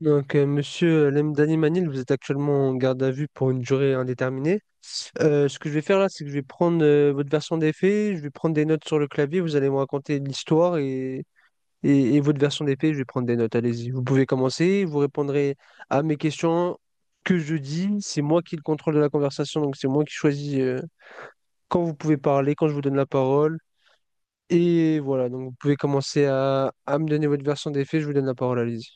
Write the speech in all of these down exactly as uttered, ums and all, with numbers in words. Donc, euh, monsieur Lemdani Manil, vous êtes actuellement en garde à vue pour une durée indéterminée. Euh, ce que je vais faire là, c'est que je vais prendre euh, votre version des faits, je vais prendre des notes sur le clavier, vous allez me raconter l'histoire et, et, et votre version des faits, je vais prendre des notes. Allez-y, vous pouvez commencer, vous répondrez à mes questions que je dis. C'est moi qui ai le contrôle de la conversation, donc c'est moi qui choisis euh, quand vous pouvez parler, quand je vous donne la parole. Et voilà, donc vous pouvez commencer à, à me donner votre version des faits, je vous donne la parole, allez-y.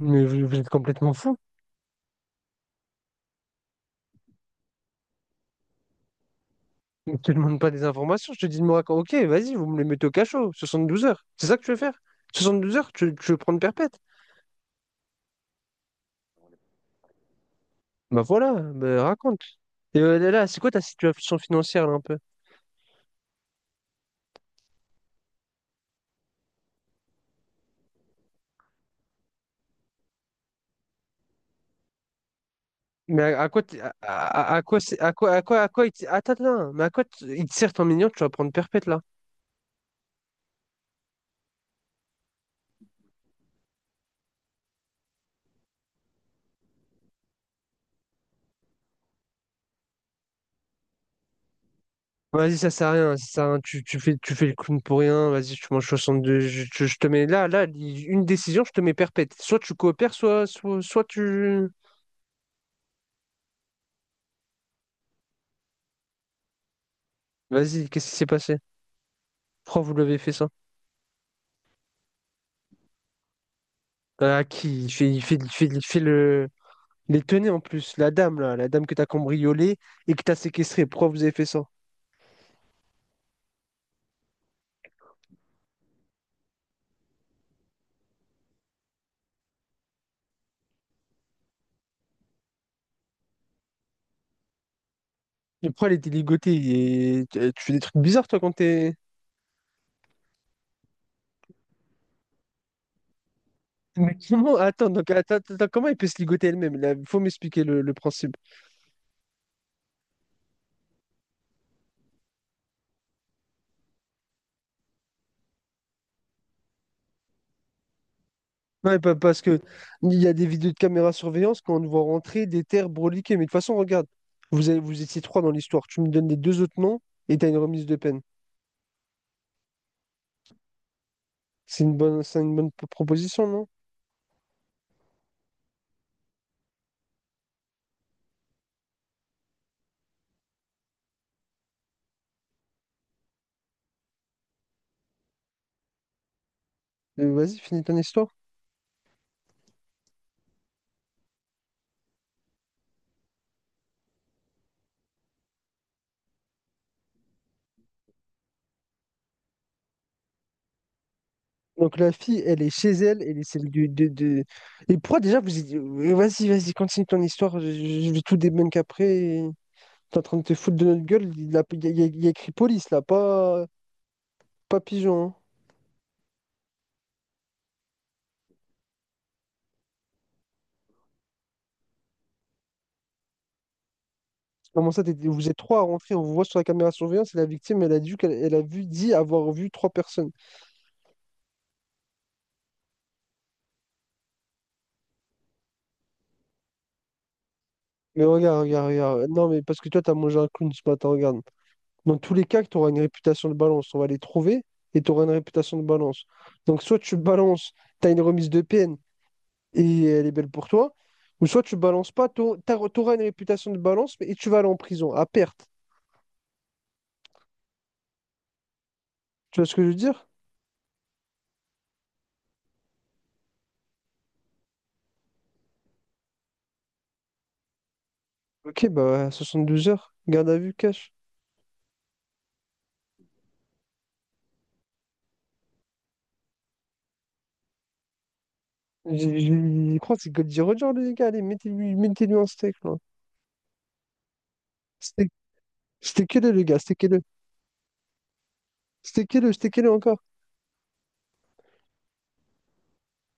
Mais vous, vous êtes complètement fou. Ne te demande pas des informations, je te dis de me raconter. Ok, vas-y, vous me les mettez au cachot, soixante douze heures. C'est ça que tu veux faire? Soixante douze heures, tu, tu veux prendre perpète? Bah voilà, bah raconte. Et euh, là, là, c'est quoi ta situation financière là, un peu? Mais à, à quoi, t- à, à- à quoi, c'est- à quoi, à quoi, à quoi, il te- attends, attends, mais à quoi t- il te sert ton mignon, tu vas prendre perpète là? Vas-y, ça sert à rien, ça sert à rien, tu, tu fais, tu fais le clown pour rien, vas-y, tu manges soixante-deux, je, je- je te mets là, là, une décision, je te mets perpète. Soit tu coopères, soit, soit, soit tu... Vas-y, qu'est-ce qui s'est passé? Pourquoi vous l'avez fait ça? Ah, qui il fait, il fait, il fait, il fait le... les tenez en plus, la dame là, la dame que t'as cambriolée et que t'as séquestrée. Pourquoi vous avez fait ça? Et pourquoi elle était ligotée? Et tu tu fais des trucs bizarres toi quand t'es. Mais comment? Attends, donc, attends, attends, attends, comment elle peut se ligoter elle-même? Là, faut m'expliquer le, le principe. Non, mais pas- parce que il y a des vidéos de caméra surveillance quand on nous voit rentrer des terres broliquées. Mais de toute façon, regarde, vous avez, vous étiez trois dans l'histoire. Tu me donnes les deux autres noms et t'as une remise de peine. C'est une bonne, c'est une bonne proposition, non? Euh, Vas-y, finis ton histoire. Donc la fille, elle est chez elle, elle est celle du de, de... Et pourquoi déjà vous... y- vas-y, vas-y, continue ton histoire, je, je- je vais tout débunk après. Et T'es en train de te foutre de notre gueule, il a, il y a- il y a- il y a écrit police là, pas, pas pigeon, hein. Comment ça, t'es- vous êtes trois à rentrer, on vous voit sur la caméra de surveillance et la victime, elle a dit qu'elle elle a vu, dit avoir vu trois personnes. Mais regarde, regarde, regarde. Non, mais parce que toi, t'as mangé un clown ce matin, regarde. Dans tous les cas, tu auras une réputation de balance. On va les trouver et tu auras une réputation de balance. Donc, soit tu balances, tu as une remise de peine et elle est belle pour toi, ou soit tu balances pas, tu auras une réputation de balance mais- et tu vas aller en prison à perte. Tu vois ce que je veux dire? Ok, bah soixante douze heures, garde à vue, cash. J'ai- j'ai- Je crois que c'est Goldie Roger, les gars. Allez, mettez-lui mettez-lui un steak, là. Steak- Steakez-le, les gars, steakez-le. Steakez-le, steakez-le encore.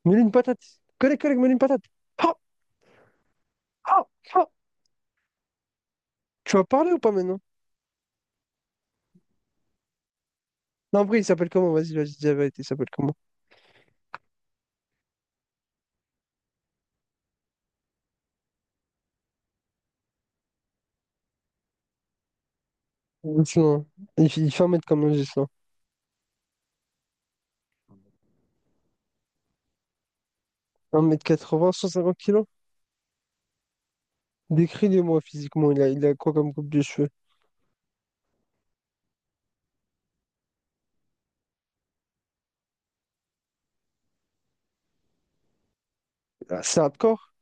Mets-lui une patate. Collègue, collègue, mets-lui une patate. Ah, ah, ah. Tu vas parler ou pas maintenant? Non, après, il s'appelle comment? Vas-y, vas-y, dis la vérité, il s'appelle comment? Gislain. Il, fait- il fait un mètre comme un Gislain. Un mètre quatre-vingts, cent cinquante kilos? Décris-les-moi physiquement, il a, il a quoi comme coupe de cheveux? Ah, c'est hardcore?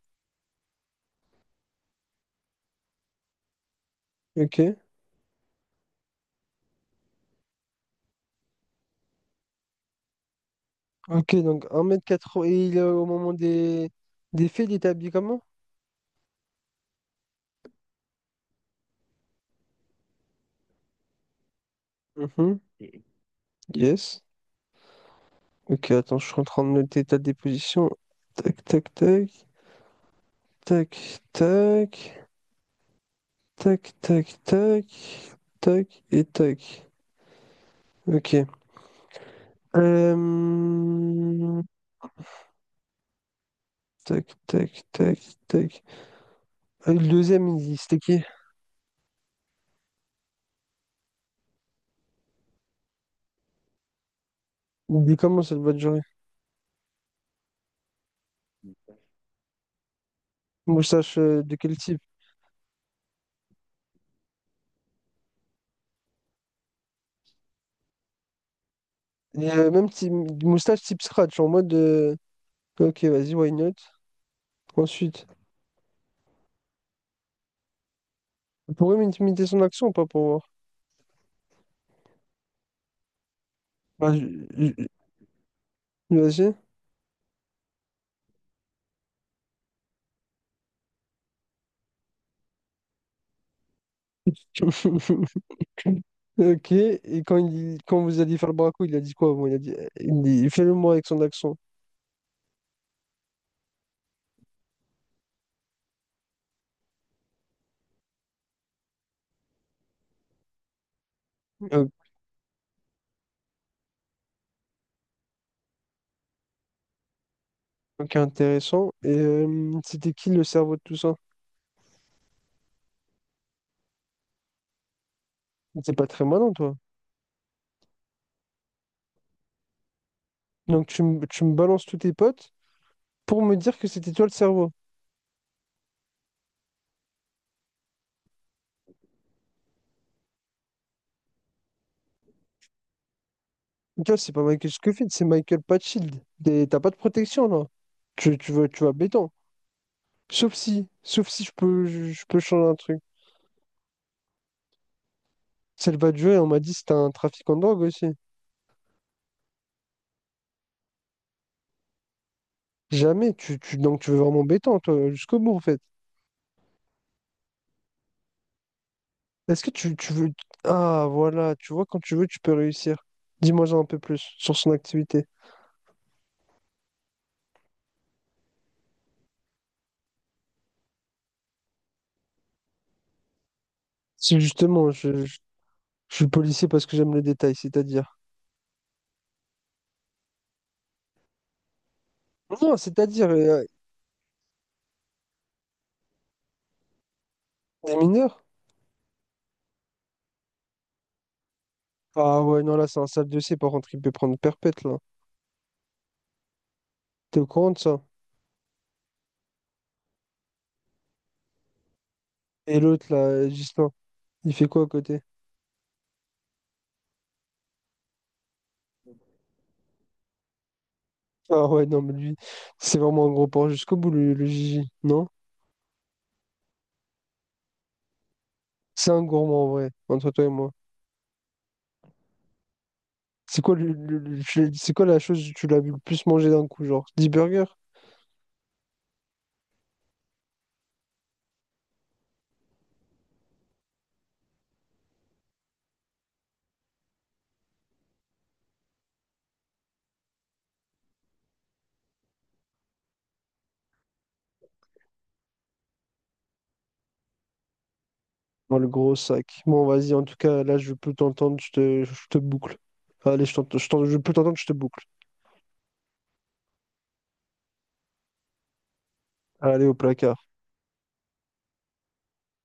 Ok. Ok, donc un mètre quatre-vingts, et il est au moment des, des faits, il est habillé comment? Mhm. Yes. Ok, attends, je suis en train de noter ta déposition. Tac, tac, tac, tac, tac, tac, tac, tac, tac et tac. Ok. Euh, Tac, tac, tac, tac. Ah, le deuxième, il- c'était qui? Il dit comment cette bonne journée? Moustache euh, de quel type? Et, euh, même type, moustache type scratch, en mode euh, ok, vas-y, why not? Ensuite, vous pourrez m'intimider son action ou pas pour voir? Bah, je- je- vas-y. Ok, et quand, il, quand vous alliez faire le braco, il a dit quoi? Bon il a dit, il dit fais-le moi avec son accent. Euh, Ok, intéressant. Et euh, c'était qui le cerveau de tout ça? C'est pas très malin, toi. Donc tu, me- tu me balances tous tes potes pour me dire que c'était toi le cerveau. Gars, c'est pas Michael Scofield, c'est Michael Patchild. T'es- T'as pas de protection là. Tu, tu vas, tu vas béton. Sauf si, sauf si je peux, je, je peux changer un truc. Celle va jouer, on m'a dit c'était un trafic en drogue aussi. Jamais, tu, tu, donc tu veux vraiment béton, toi, jusqu'au bout en fait. Est-ce que tu, tu veux. Ah voilà, tu vois, quand tu veux, tu peux réussir. Dis-moi ça un peu plus sur son activité. C'est justement, je, je, je suis policier parce que j'aime le détail, c'est-à-dire. Non, c'est-à-dire, euh, des mineurs. Ah ouais, non, là, c'est un sale dossier. Par contre, il peut prendre perpète, là. T'es au courant de ça? Et l'autre, là, Gislain, il fait quoi à côté? Ah ouais, non, mais lui, c'est vraiment un gros porc jusqu'au bout, le, le Gigi, non? C'est un gourmand, en vrai, entre toi et moi. C'est quoi, le, le- le- je- c'est quoi la chose que tu l'as vu le plus manger d'un coup, genre dix burgers? Dans le gros sac. Bon, vas-y, en tout cas, là, je peux t'entendre, je te, je te boucle. Allez, je t'entends, je t'en- je peux t'entendre, je te boucle. Allez, au placard.